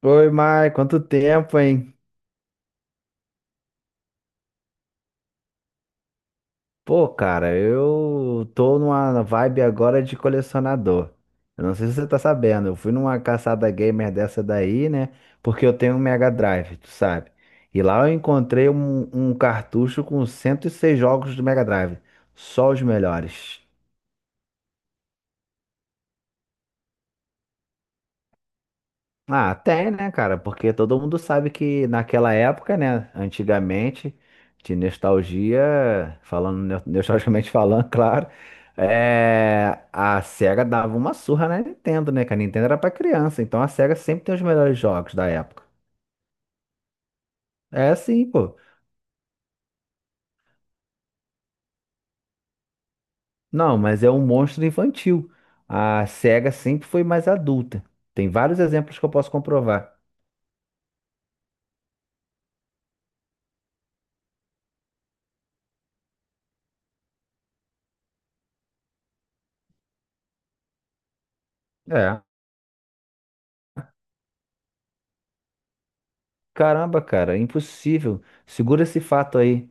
Oi, Mar, quanto tempo, hein? Pô, cara, eu tô numa vibe agora de colecionador. Eu não sei se você tá sabendo, eu fui numa caçada gamer dessa daí, né? Porque eu tenho um Mega Drive, tu sabe? E lá eu encontrei um cartucho com 106 jogos do Mega Drive, só os melhores. Ah, tem, né, cara? Porque todo mundo sabe que naquela época, né, antigamente, de nostalgia, falando no- nostalgicamente falando, claro, é, a SEGA dava uma surra na Nintendo, né? Que a Nintendo era pra criança, então a SEGA sempre tem os melhores jogos da época. É assim, pô. Não, mas é um monstro infantil. A SEGA sempre foi mais adulta. Tem vários exemplos que eu posso comprovar. É. Caramba, cara, impossível. Segura esse fato aí.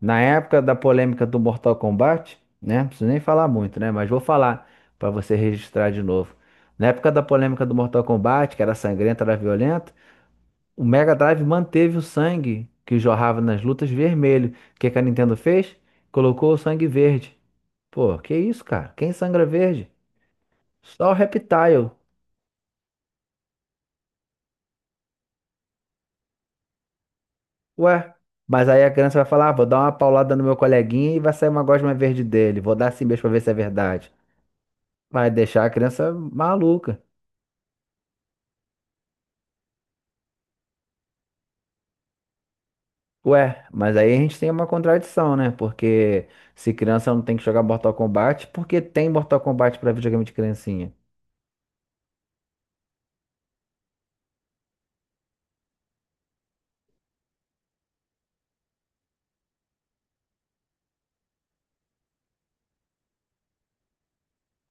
Na época da polêmica do Mortal Kombat, né? Não preciso nem falar muito, né? Mas vou falar para você registrar de novo. Na época da polêmica do Mortal Kombat, que era sangrenta, era violenta, o Mega Drive manteve o sangue que jorrava nas lutas vermelho. O que que a Nintendo fez? Colocou o sangue verde. Pô, que isso, cara? Quem sangra verde? Só o Reptile. Ué, mas aí a criança vai falar, ah, vou dar uma paulada no meu coleguinha e vai sair uma gosma verde dele. Vou dar assim mesmo pra ver se é verdade. Vai deixar a criança maluca. Ué, mas aí a gente tem uma contradição, né? Porque se criança não tem que jogar Mortal Kombat, por que tem Mortal Kombat pra videogame de criancinha?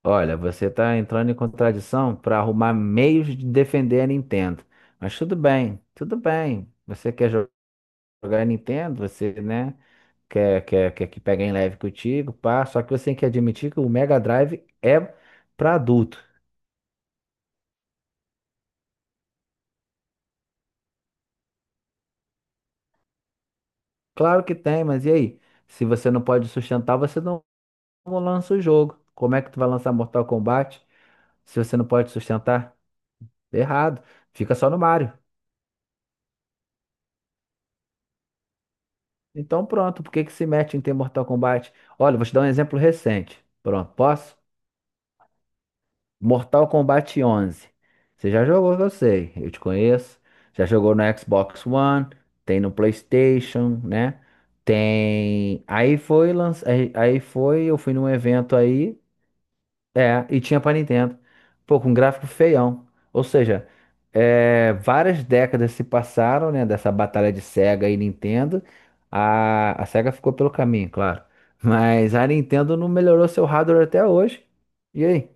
Olha, você tá entrando em contradição pra arrumar meios de defender a Nintendo. Mas tudo bem, tudo bem. Você quer jogar a Nintendo, você, né? Quer que pegue em leve contigo, pá. Só que você tem que admitir que o Mega Drive é pra adulto. Claro que tem, mas e aí? Se você não pode sustentar, você não lança o jogo. Como é que tu vai lançar Mortal Kombat se você não pode sustentar? Errado. Fica só no Mario. Então pronto, por que que se mete em ter Mortal Kombat? Olha, vou te dar um exemplo recente. Pronto, posso? Mortal Kombat 11. Você já jogou, eu sei, eu te conheço. Já jogou no Xbox One, tem no PlayStation, né? Tem. Aí foi, lanç... aí aí foi, eu fui num evento aí, é, e tinha pra Nintendo. Pô, com gráfico feião. Ou seja, é, várias décadas se passaram, né, dessa batalha de Sega e Nintendo. A Sega ficou pelo caminho, claro. Mas a Nintendo não melhorou seu hardware até hoje. E aí?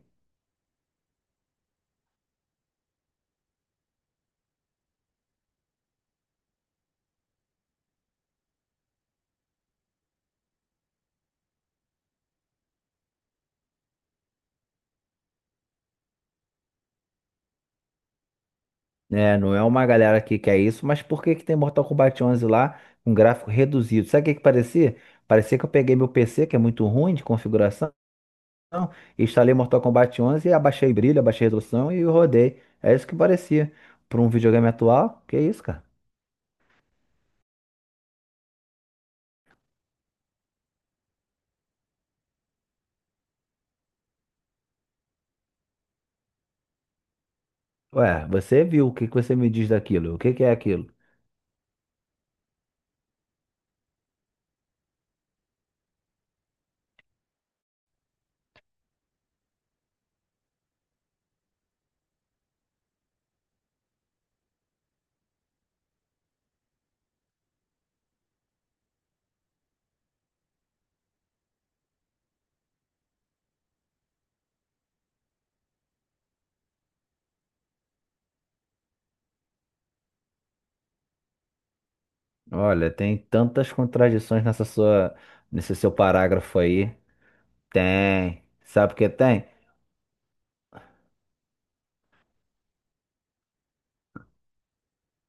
É, não é uma galera que quer isso, mas por que que tem Mortal Kombat 11 lá com gráfico reduzido? Sabe o que que parecia? Parecia que eu peguei meu PC, que é muito ruim de configuração, e instalei Mortal Kombat 11 e abaixei brilho, abaixei resolução e rodei. É isso que parecia. Para um videogame atual, que isso, cara? Ué, você viu, o que que você me diz daquilo? O que que é aquilo? Olha, tem tantas contradições nesse seu parágrafo aí. Tem. Sabe o que tem?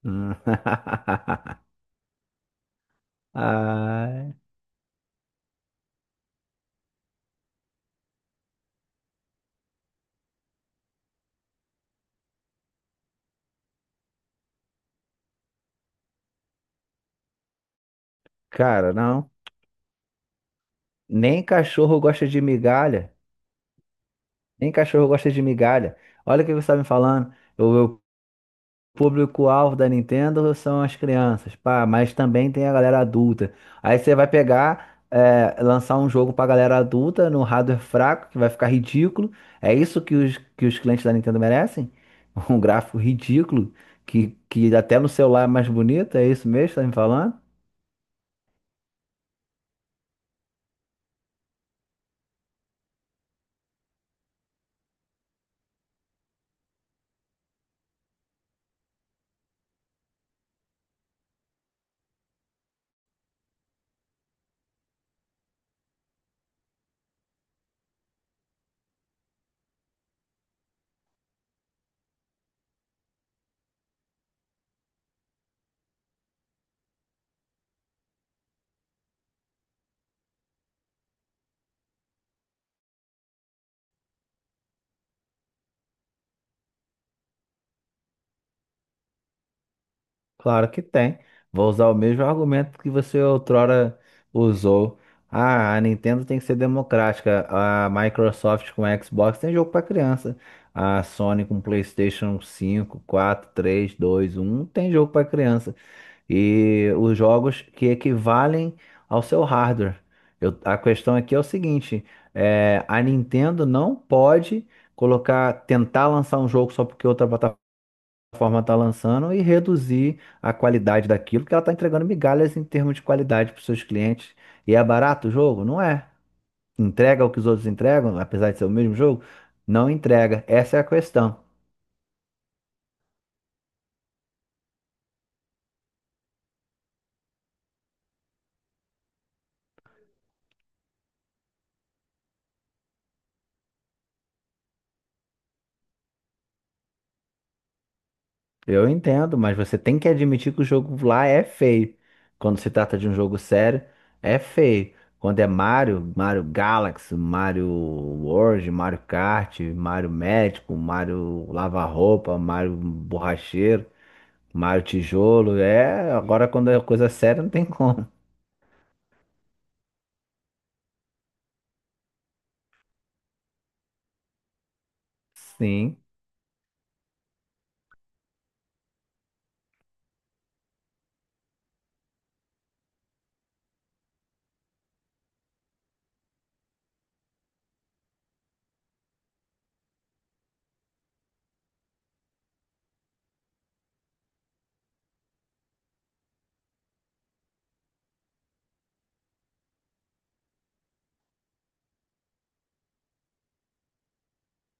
Hum. Ah. Cara, não. Nem cachorro gosta de migalha. Nem cachorro gosta de migalha. Olha o que você está me falando. O meu público-alvo da Nintendo são as crianças, pá, mas também tem a galera adulta. Aí você vai pegar, é, lançar um jogo pra galera adulta no hardware fraco, que vai ficar ridículo. É isso que os clientes da Nintendo merecem? Um gráfico ridículo, que até no celular é mais bonito, é isso mesmo que você tá me falando? Claro que tem. Vou usar o mesmo argumento que você outrora usou. Ah, a Nintendo tem que ser democrática. A Microsoft com Xbox tem jogo para criança. A Sony com PlayStation cinco, quatro, três, dois, um tem jogo para criança. E os jogos que equivalem ao seu hardware. A questão aqui é o seguinte: é, a Nintendo não pode colocar, tentar lançar um jogo só porque outra plataforma está lançando e reduzir a qualidade daquilo, que ela está entregando migalhas em termos de qualidade para os seus clientes. E é barato o jogo? Não é. Entrega o que os outros entregam, apesar de ser o mesmo jogo? Não entrega. Essa é a questão. Eu entendo, mas você tem que admitir que o jogo lá é feio. Quando se trata de um jogo sério, é feio. Quando é Mario, Mario Galaxy, Mario World, Mario Kart, Mario Médico, Mario Lava-Roupa, Mario Borracheiro. Maio Tijolo, é. Agora, quando é coisa séria, não tem como. Sim.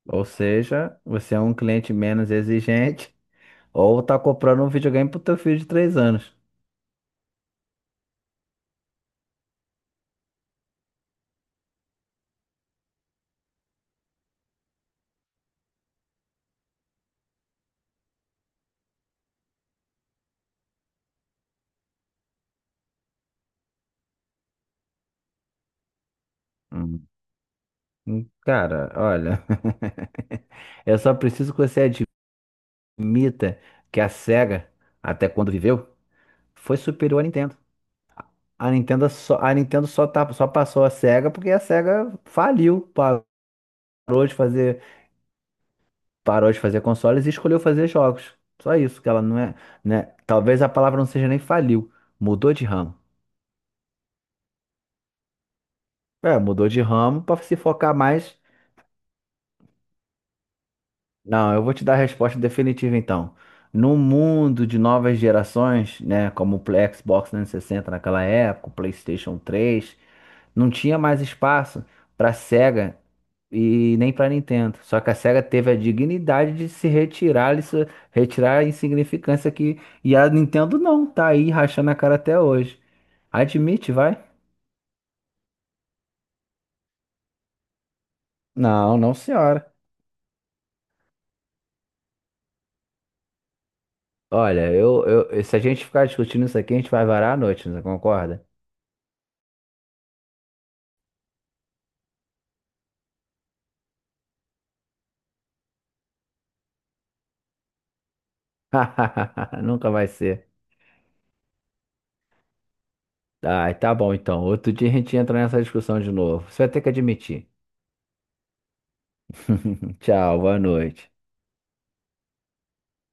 Ou seja, você é um cliente menos exigente ou tá comprando um videogame pro teu filho de 3 anos. Hum. Cara, olha. Eu só preciso que você admita que a SEGA, até quando viveu, foi superior à Nintendo. A Nintendo só, tá, só passou a SEGA porque a SEGA faliu, parou de fazer parou de fazer consoles e escolheu fazer jogos. Só isso, que ela não é, né? Talvez a palavra não seja nem faliu, mudou de ramo. É, mudou de ramo para se focar mais Não, eu vou te dar a resposta definitiva então. No mundo de novas gerações, né, como o Xbox 360 naquela época, o PlayStation 3, não tinha mais espaço para Sega e nem para Nintendo. Só que a Sega teve a dignidade de se retirar, isso, retirar a insignificância que e a Nintendo não, tá aí rachando a cara até hoje. Admite, vai? Não, não, senhora. Olha, eu, se a gente ficar discutindo isso aqui, a gente vai varar a noite, você concorda? Nunca vai ser. Ai, tá bom então. Outro dia a gente entra nessa discussão de novo. Você vai ter que admitir. Tchau, boa noite.